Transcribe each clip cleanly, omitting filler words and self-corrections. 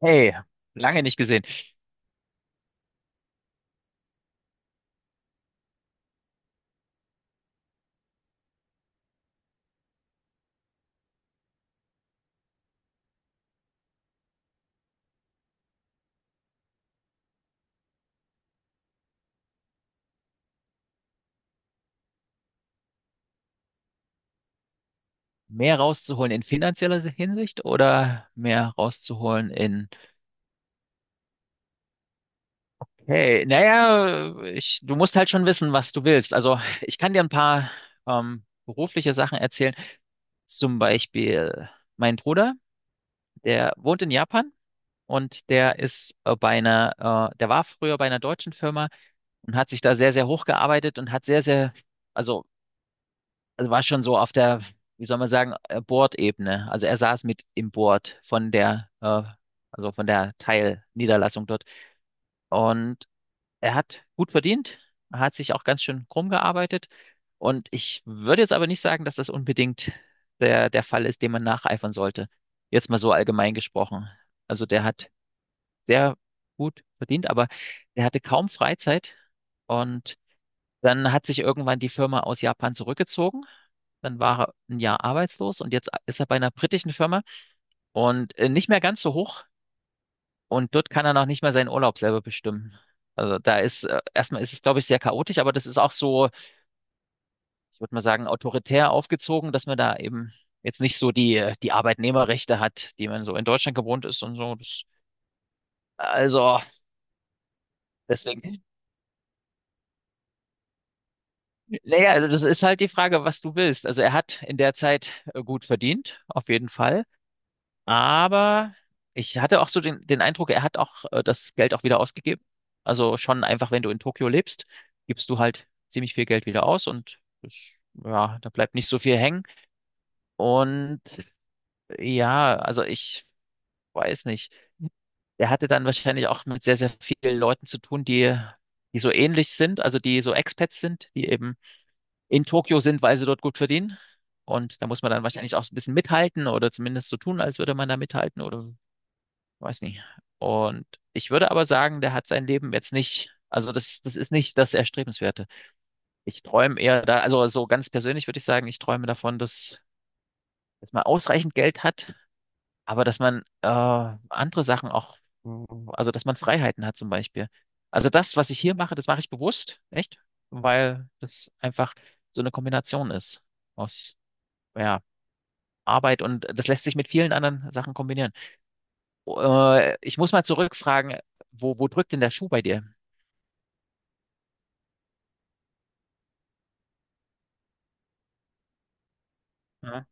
Hey, lange nicht gesehen. Mehr rauszuholen in finanzieller Hinsicht oder mehr rauszuholen in, hey, naja, du musst halt schon wissen, was du willst. Also ich kann dir ein paar berufliche Sachen erzählen. Zum Beispiel mein Bruder, der wohnt in Japan und der war früher bei einer deutschen Firma und hat sich da sehr, sehr hochgearbeitet und hat sehr, sehr, also also war schon so auf der, wie soll man sagen, Bordebene. Also er saß mit im Board also von der Teilniederlassung dort. Und er hat gut verdient, er hat sich auch ganz schön krumm gearbeitet. Und ich würde jetzt aber nicht sagen, dass das unbedingt der Fall ist, dem man nacheifern sollte. Jetzt mal so allgemein gesprochen. Also der hat sehr gut verdient, aber der hatte kaum Freizeit, und dann hat sich irgendwann die Firma aus Japan zurückgezogen. Dann war er ein Jahr arbeitslos und jetzt ist er bei einer britischen Firma und nicht mehr ganz so hoch. Und dort kann er noch nicht mal seinen Urlaub selber bestimmen. Also da ist, erstmal ist es, glaube ich, sehr chaotisch, aber das ist auch so, ich würde mal sagen, autoritär aufgezogen, dass man da eben jetzt nicht so die Arbeitnehmerrechte hat, die man so in Deutschland gewohnt ist und so. Also, deswegen, naja, also das ist halt die Frage, was du willst. Also er hat in der Zeit gut verdient, auf jeden Fall. Aber ich hatte auch so den Eindruck, er hat auch das Geld auch wieder ausgegeben. Also schon einfach, wenn du in Tokio lebst, gibst du halt ziemlich viel Geld wieder aus, und das, ja, da bleibt nicht so viel hängen. Und ja, also ich weiß nicht. Er hatte dann wahrscheinlich auch mit sehr, sehr vielen Leuten zu tun, die so ähnlich sind, also die so Expats sind, die eben in Tokio sind, weil sie dort gut verdienen. Und da muss man dann wahrscheinlich auch so ein bisschen mithalten oder zumindest so tun, als würde man da mithalten oder weiß nicht. Und ich würde aber sagen, der hat sein Leben jetzt nicht, also das ist nicht das Erstrebenswerte. Ich träume eher da, also so ganz persönlich würde ich sagen, ich träume davon, dass man ausreichend Geld hat, aber dass man andere Sachen auch, also dass man Freiheiten hat zum Beispiel. Also das, was ich hier mache, das mache ich bewusst, echt, weil das einfach so eine Kombination ist aus, ja, Arbeit, und das lässt sich mit vielen anderen Sachen kombinieren. Ich muss mal zurückfragen, wo drückt denn der Schuh bei dir? Ja.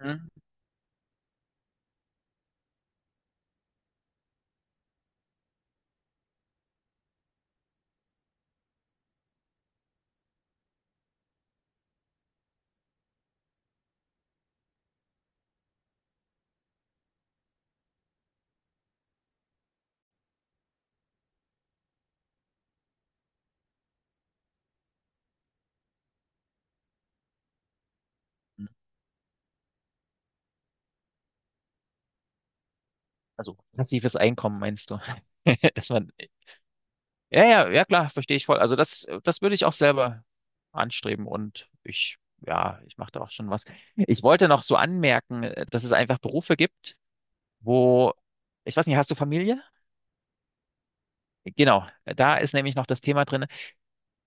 Hm? Also passives Einkommen meinst du? Dass man, ja, ja, ja klar, verstehe ich voll. Also das würde ich auch selber anstreben, und ja, ich mache da auch schon was. Ich wollte noch so anmerken, dass es einfach Berufe gibt, wo, ich weiß nicht, hast du Familie? Genau, da ist nämlich noch das Thema drin.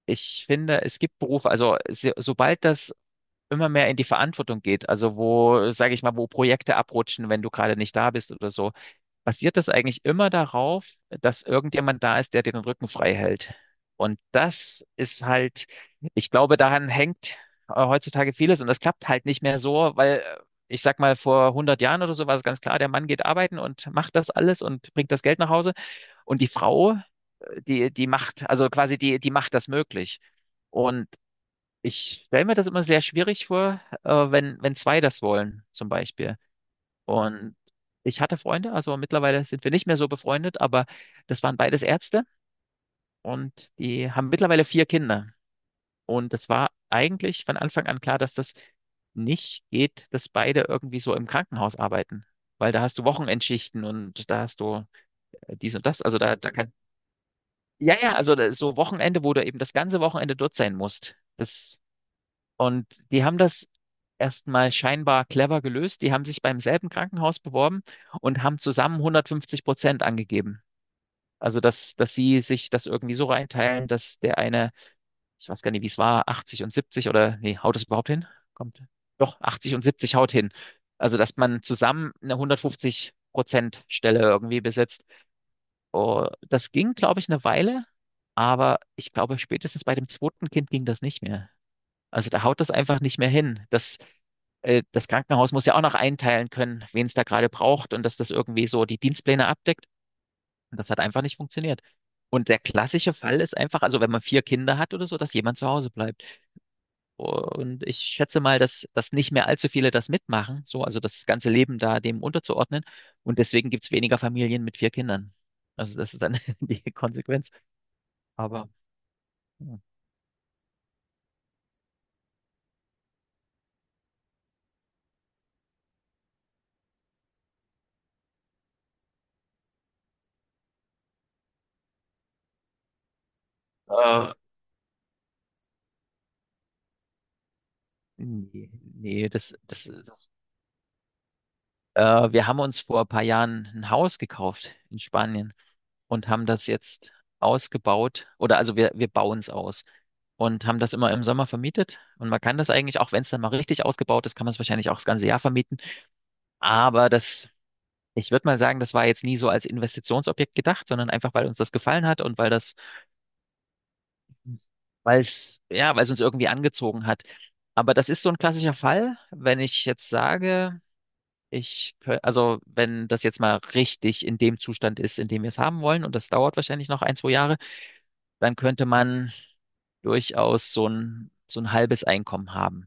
Ich finde, es gibt Berufe, also so, sobald das immer mehr in die Verantwortung geht. Also wo, sage ich mal, wo Projekte abrutschen, wenn du gerade nicht da bist oder so. Basiert das eigentlich immer darauf, dass irgendjemand da ist, der dir den Rücken frei hält? Und das ist halt, ich glaube, daran hängt heutzutage vieles, und das klappt halt nicht mehr so, weil ich sag mal, vor 100 Jahren oder so war es ganz klar, der Mann geht arbeiten und macht das alles und bringt das Geld nach Hause, und die Frau, die macht, also quasi die macht das möglich. Und ich stelle mir das immer sehr schwierig vor, wenn zwei das wollen, zum Beispiel. Und ich hatte Freunde, also mittlerweile sind wir nicht mehr so befreundet, aber das waren beides Ärzte, und die haben mittlerweile 4 Kinder. Und das war eigentlich von Anfang an klar, dass das nicht geht, dass beide irgendwie so im Krankenhaus arbeiten. Weil da hast du Wochenendschichten, und da hast du dies und das. Also ja, ja, also so Wochenende, wo du eben das ganze Wochenende dort sein musst. Das Und die haben das erstmal scheinbar clever gelöst. Die haben sich beim selben Krankenhaus beworben und haben zusammen 150% angegeben. Also, dass sie sich das irgendwie so reinteilen, dass der eine, ich weiß gar nicht, wie es war, 80 und 70 oder, nee, haut es überhaupt hin? Kommt. Doch, 80 und 70 haut hin. Also, dass man zusammen eine 150% Stelle irgendwie besetzt. Oh, das ging, glaube ich, eine Weile, aber ich glaube, spätestens bei dem zweiten Kind ging das nicht mehr. Also da haut das einfach nicht mehr hin. Das Krankenhaus muss ja auch noch einteilen können, wen es da gerade braucht und dass das irgendwie so die Dienstpläne abdeckt. Und das hat einfach nicht funktioniert. Und der klassische Fall ist einfach, also wenn man 4 Kinder hat oder so, dass jemand zu Hause bleibt. Und ich schätze mal, dass nicht mehr allzu viele das mitmachen, so, also das ganze Leben da dem unterzuordnen. Und deswegen gibt's weniger Familien mit 4 Kindern. Also das ist dann die Konsequenz. Aber äh, nee, das wir haben uns vor ein paar Jahren ein Haus gekauft in Spanien und haben das jetzt ausgebaut, oder also wir bauen es aus und haben das immer im Sommer vermietet. Und man kann das eigentlich, auch wenn es dann mal richtig ausgebaut ist, kann man es wahrscheinlich auch das ganze Jahr vermieten. Aber das, ich würde mal sagen, das war jetzt nie so als Investitionsobjekt gedacht, sondern einfach, weil uns das gefallen hat und weil es, ja, weil es uns irgendwie angezogen hat. Aber das ist so ein klassischer Fall, wenn ich jetzt sage, also wenn das jetzt mal richtig in dem Zustand ist, in dem wir es haben wollen, und das dauert wahrscheinlich noch ein, zwei Jahre, dann könnte man durchaus so ein halbes Einkommen haben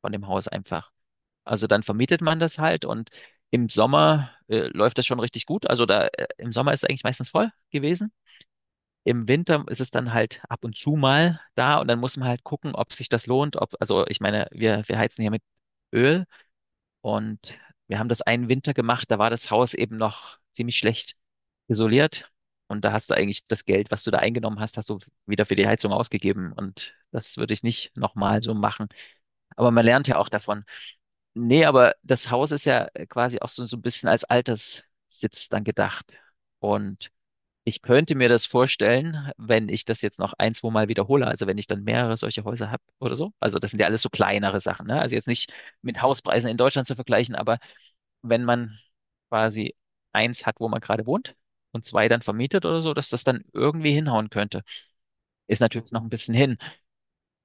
von dem Haus einfach. Also dann vermietet man das halt, und im Sommer läuft das schon richtig gut. Also da im Sommer ist es eigentlich meistens voll gewesen. Im Winter ist es dann halt ab und zu mal da, und dann muss man halt gucken, ob sich das lohnt, ob, also ich meine, wir heizen hier mit Öl, und wir haben das einen Winter gemacht, da war das Haus eben noch ziemlich schlecht isoliert. Und da hast du eigentlich das Geld, was du da eingenommen hast, hast du wieder für die Heizung ausgegeben. Und das würde ich nicht nochmal so machen. Aber man lernt ja auch davon. Nee, aber das Haus ist ja quasi auch so ein bisschen als Alterssitz dann gedacht. Und ich könnte mir das vorstellen, wenn ich das jetzt noch ein, zwei Mal wiederhole, also wenn ich dann mehrere solche Häuser habe oder so. Also das sind ja alles so kleinere Sachen, ne? Also jetzt nicht mit Hauspreisen in Deutschland zu vergleichen, aber wenn man quasi eins hat, wo man gerade wohnt, und zwei dann vermietet oder so, dass das dann irgendwie hinhauen könnte. Ist natürlich noch ein bisschen hin.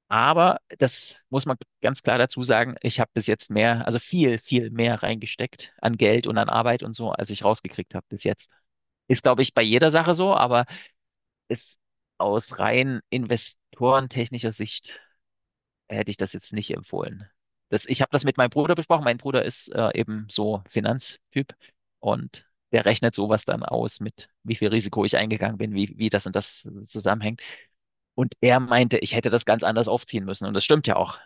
Aber das muss man ganz klar dazu sagen, ich habe bis jetzt mehr, also viel, viel mehr reingesteckt an Geld und an Arbeit und so, als ich rausgekriegt habe bis jetzt. Ist, glaube ich, bei jeder Sache so, aber ist aus rein investorentechnischer Sicht hätte ich das jetzt nicht empfohlen. Das, ich habe das mit meinem Bruder besprochen. Mein Bruder ist eben so Finanztyp, und der rechnet sowas dann aus mit, wie viel Risiko ich eingegangen bin, wie das und das zusammenhängt. Und er meinte, ich hätte das ganz anders aufziehen müssen. Und das stimmt ja auch.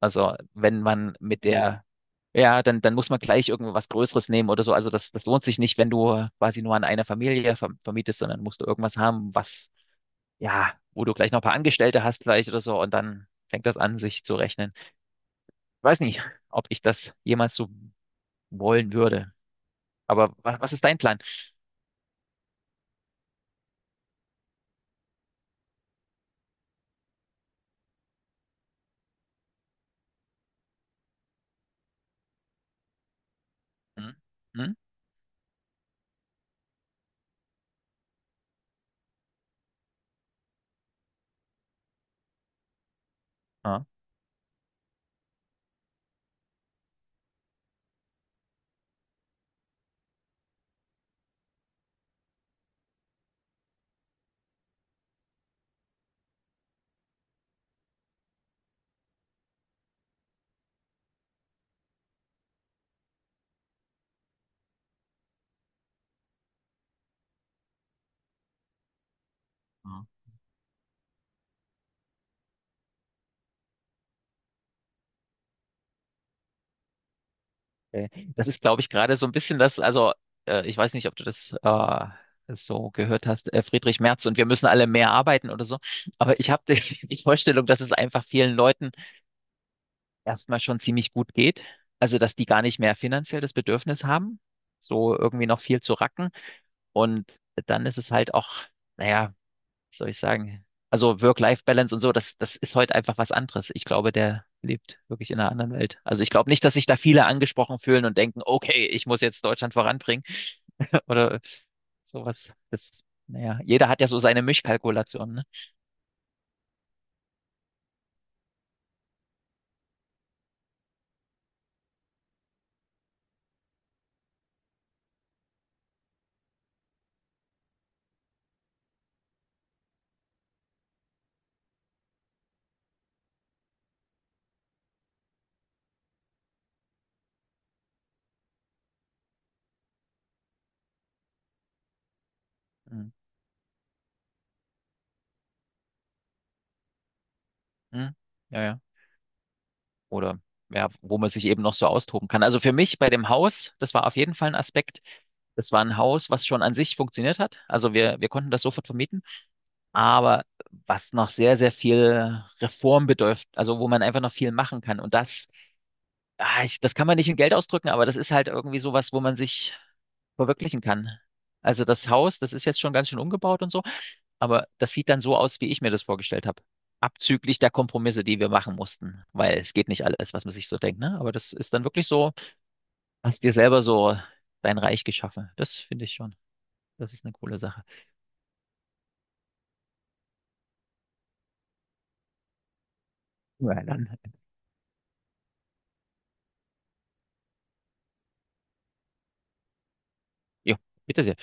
Also wenn man mit der, ja, dann muss man gleich irgendwas Größeres nehmen oder so. Also das lohnt sich nicht, wenn du quasi nur an einer Familie vermietest, sondern musst du irgendwas haben, was ja, wo du gleich noch ein paar Angestellte hast vielleicht oder so, und dann fängt das an, sich zu rechnen. Ich weiß nicht, ob ich das jemals so wollen würde. Aber was ist dein Plan? Hm? Hm? Ah, ah, okay. Das ist, glaube ich, gerade so ein bisschen das, also ich weiß nicht, ob du das so gehört hast, Friedrich Merz und wir müssen alle mehr arbeiten oder so. Aber ich habe die, die Vorstellung, dass es einfach vielen Leuten erstmal schon ziemlich gut geht. Also, dass die gar nicht mehr finanziell das Bedürfnis haben, so irgendwie noch viel zu racken. Und dann ist es halt auch, naja, was soll ich sagen? Also Work-Life-Balance und so, das ist heute einfach was anderes. Ich glaube, der lebt wirklich in einer anderen Welt. Also ich glaube nicht, dass sich da viele angesprochen fühlen und denken, okay, ich muss jetzt Deutschland voranbringen oder sowas. Das, naja, jeder hat ja so seine Mischkalkulationen, ne? Mhm. Mhm. Ja, ja. Oder ja, wo man sich eben noch so austoben kann. Also für mich bei dem Haus, das war auf jeden Fall ein Aspekt. Das war ein Haus, was schon an sich funktioniert hat. Also wir konnten das sofort vermieten. Aber was noch sehr, sehr viel Reform bedürft, also wo man einfach noch viel machen kann. Und das, das kann man nicht in Geld ausdrücken, aber das ist halt irgendwie sowas, wo man sich verwirklichen kann. Also das Haus, das ist jetzt schon ganz schön umgebaut und so, aber das sieht dann so aus, wie ich mir das vorgestellt habe. Abzüglich der Kompromisse, die wir machen mussten, weil es geht nicht alles, was man sich so denkt, ne? Aber das ist dann wirklich so, hast dir selber so dein Reich geschaffen. Das finde ich schon. Das ist eine coole Sache. Ja, dann. Jo, bitte sehr.